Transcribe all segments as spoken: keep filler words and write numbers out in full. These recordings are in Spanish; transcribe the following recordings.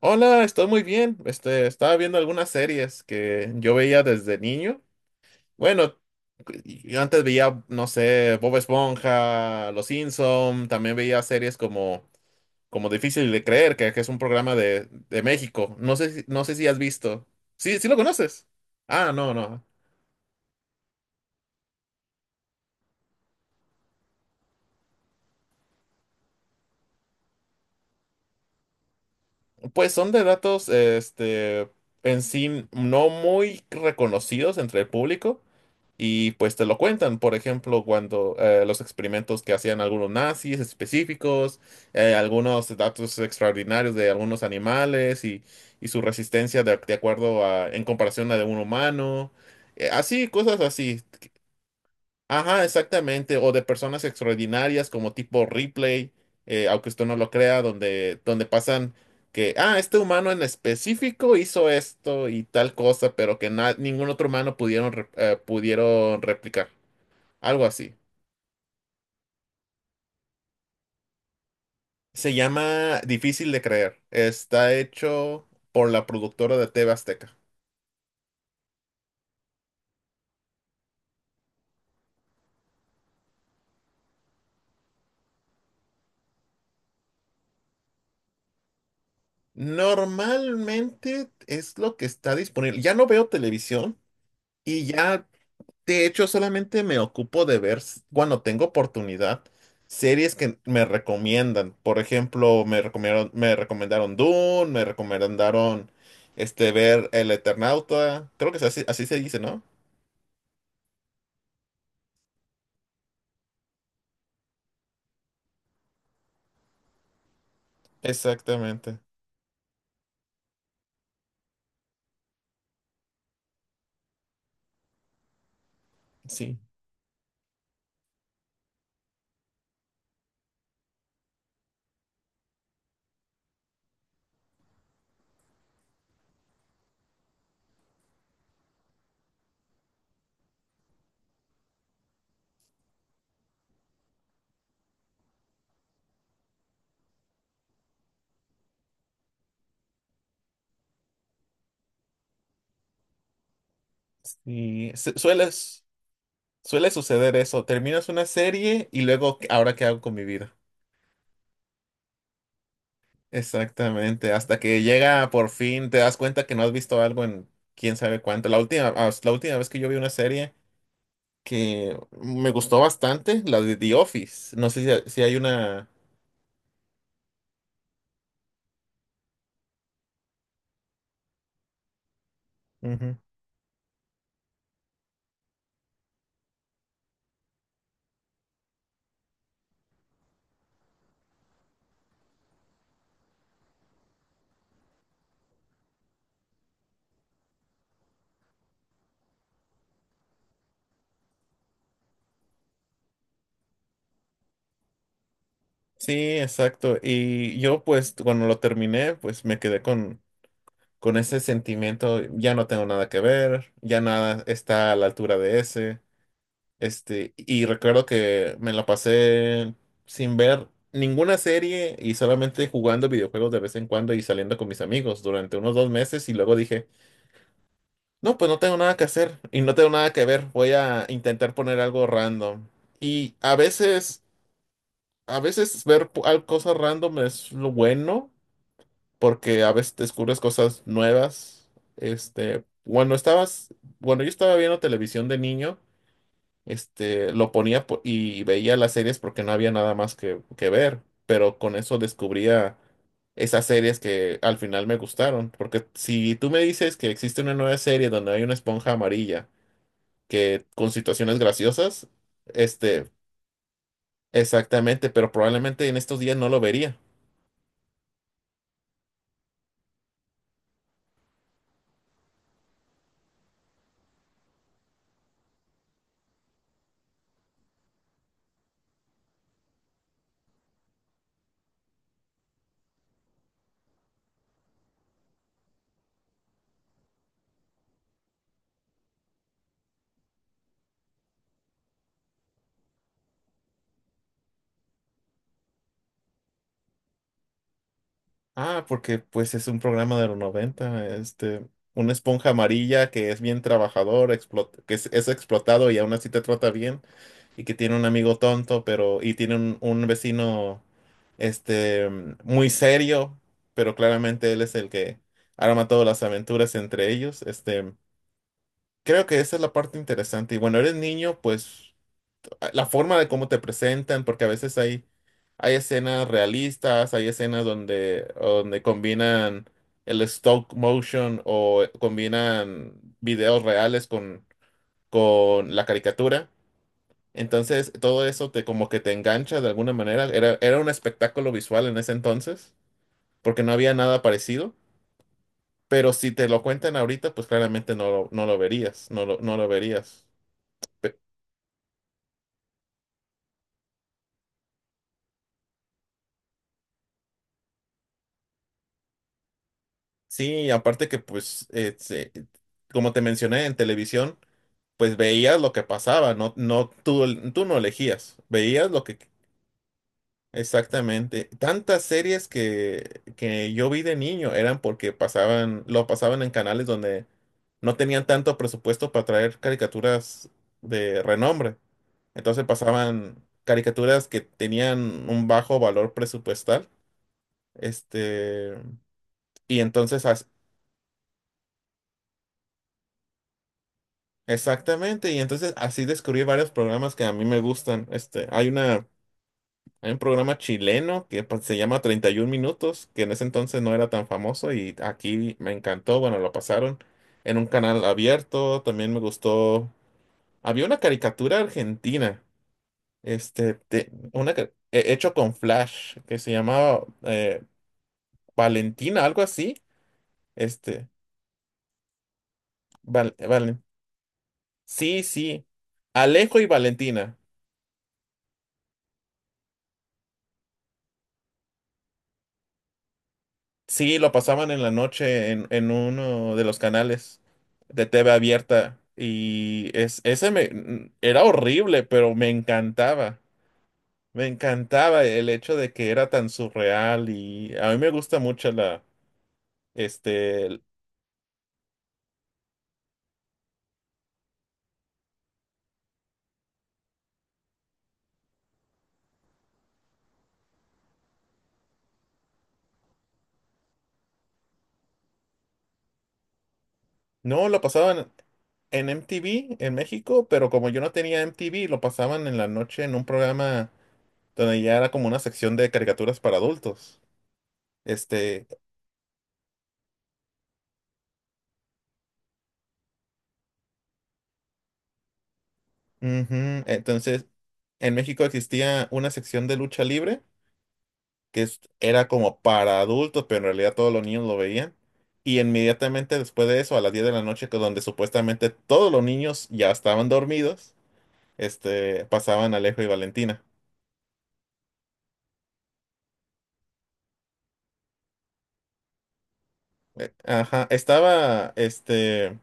Hola, estoy muy bien. Este, estaba viendo algunas series que yo veía desde niño. Bueno, y antes veía, no sé, Bob Esponja, Los Simpson, también veía series como, como Difícil de Creer, que, que es un programa de, de México. No sé, si- no sé si has visto. Sí, sí lo conoces. Ah, no, no. Pues son de datos, este, en sí no muy reconocidos entre el público. Y pues te lo cuentan, por ejemplo, cuando eh, los experimentos que hacían algunos nazis específicos, eh, algunos datos extraordinarios de algunos animales y, y su resistencia de, de acuerdo a, en comparación a de un humano, eh, así, cosas así. Ajá, exactamente, o de personas extraordinarias como tipo Ripley, eh, aunque usted no lo crea, donde, donde pasan que, ah, este humano en específico hizo esto y tal cosa, pero que na- ningún otro humano pudieron, re- eh, pudieron replicar. Algo así. Se llama Difícil de Creer. Está hecho por la productora de T V Azteca. Normalmente es lo que está disponible. Ya no veo televisión y ya, de hecho, solamente me ocupo de ver, s- cuando tengo oportunidad, series que me recomiendan. Por ejemplo, me recomendaron, me recomendaron Dune, me recomendaron este, ver El Eternauta. Creo que es así, así se dice, ¿no? Exactamente. Sí. Y sueles. Suele suceder eso, terminas una serie y luego, "¿Qué- "¿ahora qué hago con mi vida?". Exactamente, hasta que llega por fin, te das cuenta que no has visto algo en quién sabe cuánto. La última, ah, la última vez que yo vi una serie que me gustó bastante, la de The Office, no sé si, si hay una. Ujú. Sí, exacto, y yo pues cuando lo terminé, pues me quedé con, con ese sentimiento, ya no tengo nada que ver, ya nada está a la altura de ese. Este, y recuerdo que me la pasé sin ver ninguna serie y solamente jugando videojuegos de vez en cuando y saliendo con mis amigos durante unos dos meses y luego dije, no, pues no tengo nada que hacer y no tengo nada que ver, voy a intentar poner algo random. Y a veces, a veces ver pu- al- cosas random es lo bueno porque a veces descubres cosas nuevas. Este, cuando estabas, Cuando yo estaba viendo televisión de niño, este, lo ponía po- y veía las series porque no había nada más que, que ver, pero con eso descubría esas series que al final me gustaron, porque si tú me dices que existe una nueva serie donde hay una esponja amarilla que con situaciones graciosas, este, exactamente, pero probablemente en estos días no lo vería. Ah, porque pues es un programa de los noventa, este, una esponja amarilla que es bien trabajador, explot- que es, es explotado y aún así te trata bien. Y que tiene un amigo tonto, pero y tiene un, un vecino este mm, muy serio, pero claramente él es el que arma todas las aventuras entre ellos. Este, creo que esa es la parte interesante. Y bueno, eres niño, pues la forma de cómo te presentan, porque a veces hay hay escenas realistas, hay escenas donde donde combinan el stop motion o combinan videos reales con con la caricatura. Entonces, todo eso te como que te engancha de alguna manera. Era, era un espectáculo visual en ese entonces, porque no había nada parecido. Pero si te lo cuentan ahorita, pues claramente no lo, no lo verías, no lo, no lo verías. Pe- sí, aparte que pues, eh, se- como te mencioné, en televisión, pues veías lo que pasaba, no, no, tú, tú no elegías, veías lo que. Exactamente. Tantas series que, que yo vi de niño eran porque pasaban, lo pasaban en canales donde no tenían tanto presupuesto para traer caricaturas de renombre. Entonces pasaban caricaturas que tenían un bajo valor presupuestal. Este, y entonces, as- exactamente, y entonces así descubrí varios programas que a mí me gustan. Este, hay una Hay un programa chileno que pa- se llama treinta y un Minutos, que en ese entonces no era tan famoso y aquí me encantó. Bueno, lo pasaron en un canal abierto. También me gustó. Había una caricatura argentina, este, de- una ca- he- hecho con Flash, que se llamaba eh, Valentina, algo así. Este, Val- Valen- sí, sí. Alejo y Valentina. Sí, lo pasaban en la noche en, en uno de los canales de T V abierta y es, ese me, n- era horrible, pero me encantaba. Me encantaba el hecho de que era tan surreal y a mí me gusta mucho la, este, el- no, lo pasaban en M T V en México, pero como yo no tenía M T V, lo pasaban en la noche en un programa donde ya era como una sección de caricaturas para adultos. Este, Ujú. Entonces, en México existía una sección de lucha libre que es- era como para adultos, pero en realidad todos los niños lo veían. Y inmediatamente después de eso, a las diez de la noche, que donde supuestamente todos los niños ya estaban dormidos, este, pasaban Alejo y Valentina. Eh, Ajá, estaba, este,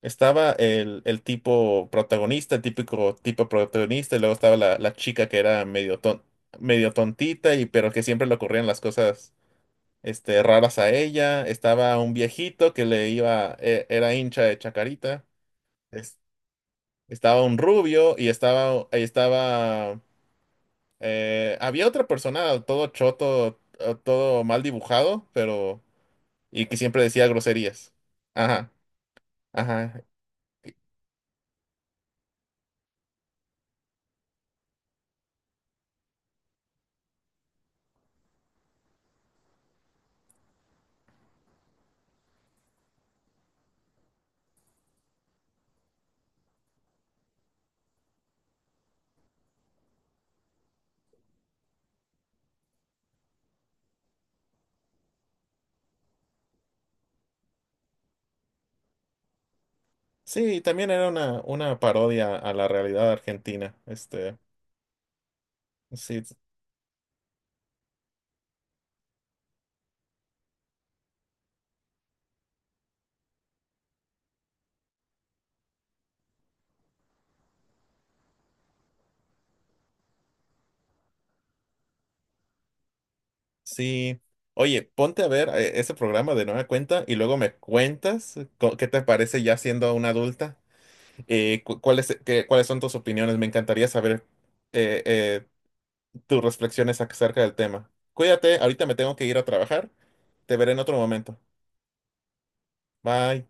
estaba el, el tipo protagonista, el típico tipo protagonista, y luego estaba la, la chica que era medio ton- medio tontita, y pero que siempre le ocurrían las cosas este, raras a ella. Estaba un viejito que le iba, e- era hincha de Chacarita. Es- Estaba un rubio y estaba, y estaba, eh, había otra persona, todo choto, eh, todo mal dibujado, pero, y que siempre decía groserías. Ajá, ajá. Sí, también era una, una parodia a la realidad argentina. Este, sí, sí. Oye, ponte a ver eh, ese programa de nueva cuenta y luego me cuentas co- qué te parece ya siendo una adulta. eh, cu- ¿cuáles, qué- cuáles son tus opiniones? Me encantaría saber eh, eh, tus reflexiones acerca del tema. Cuídate, ahorita me tengo que ir a trabajar. Te veré en otro momento. Bye.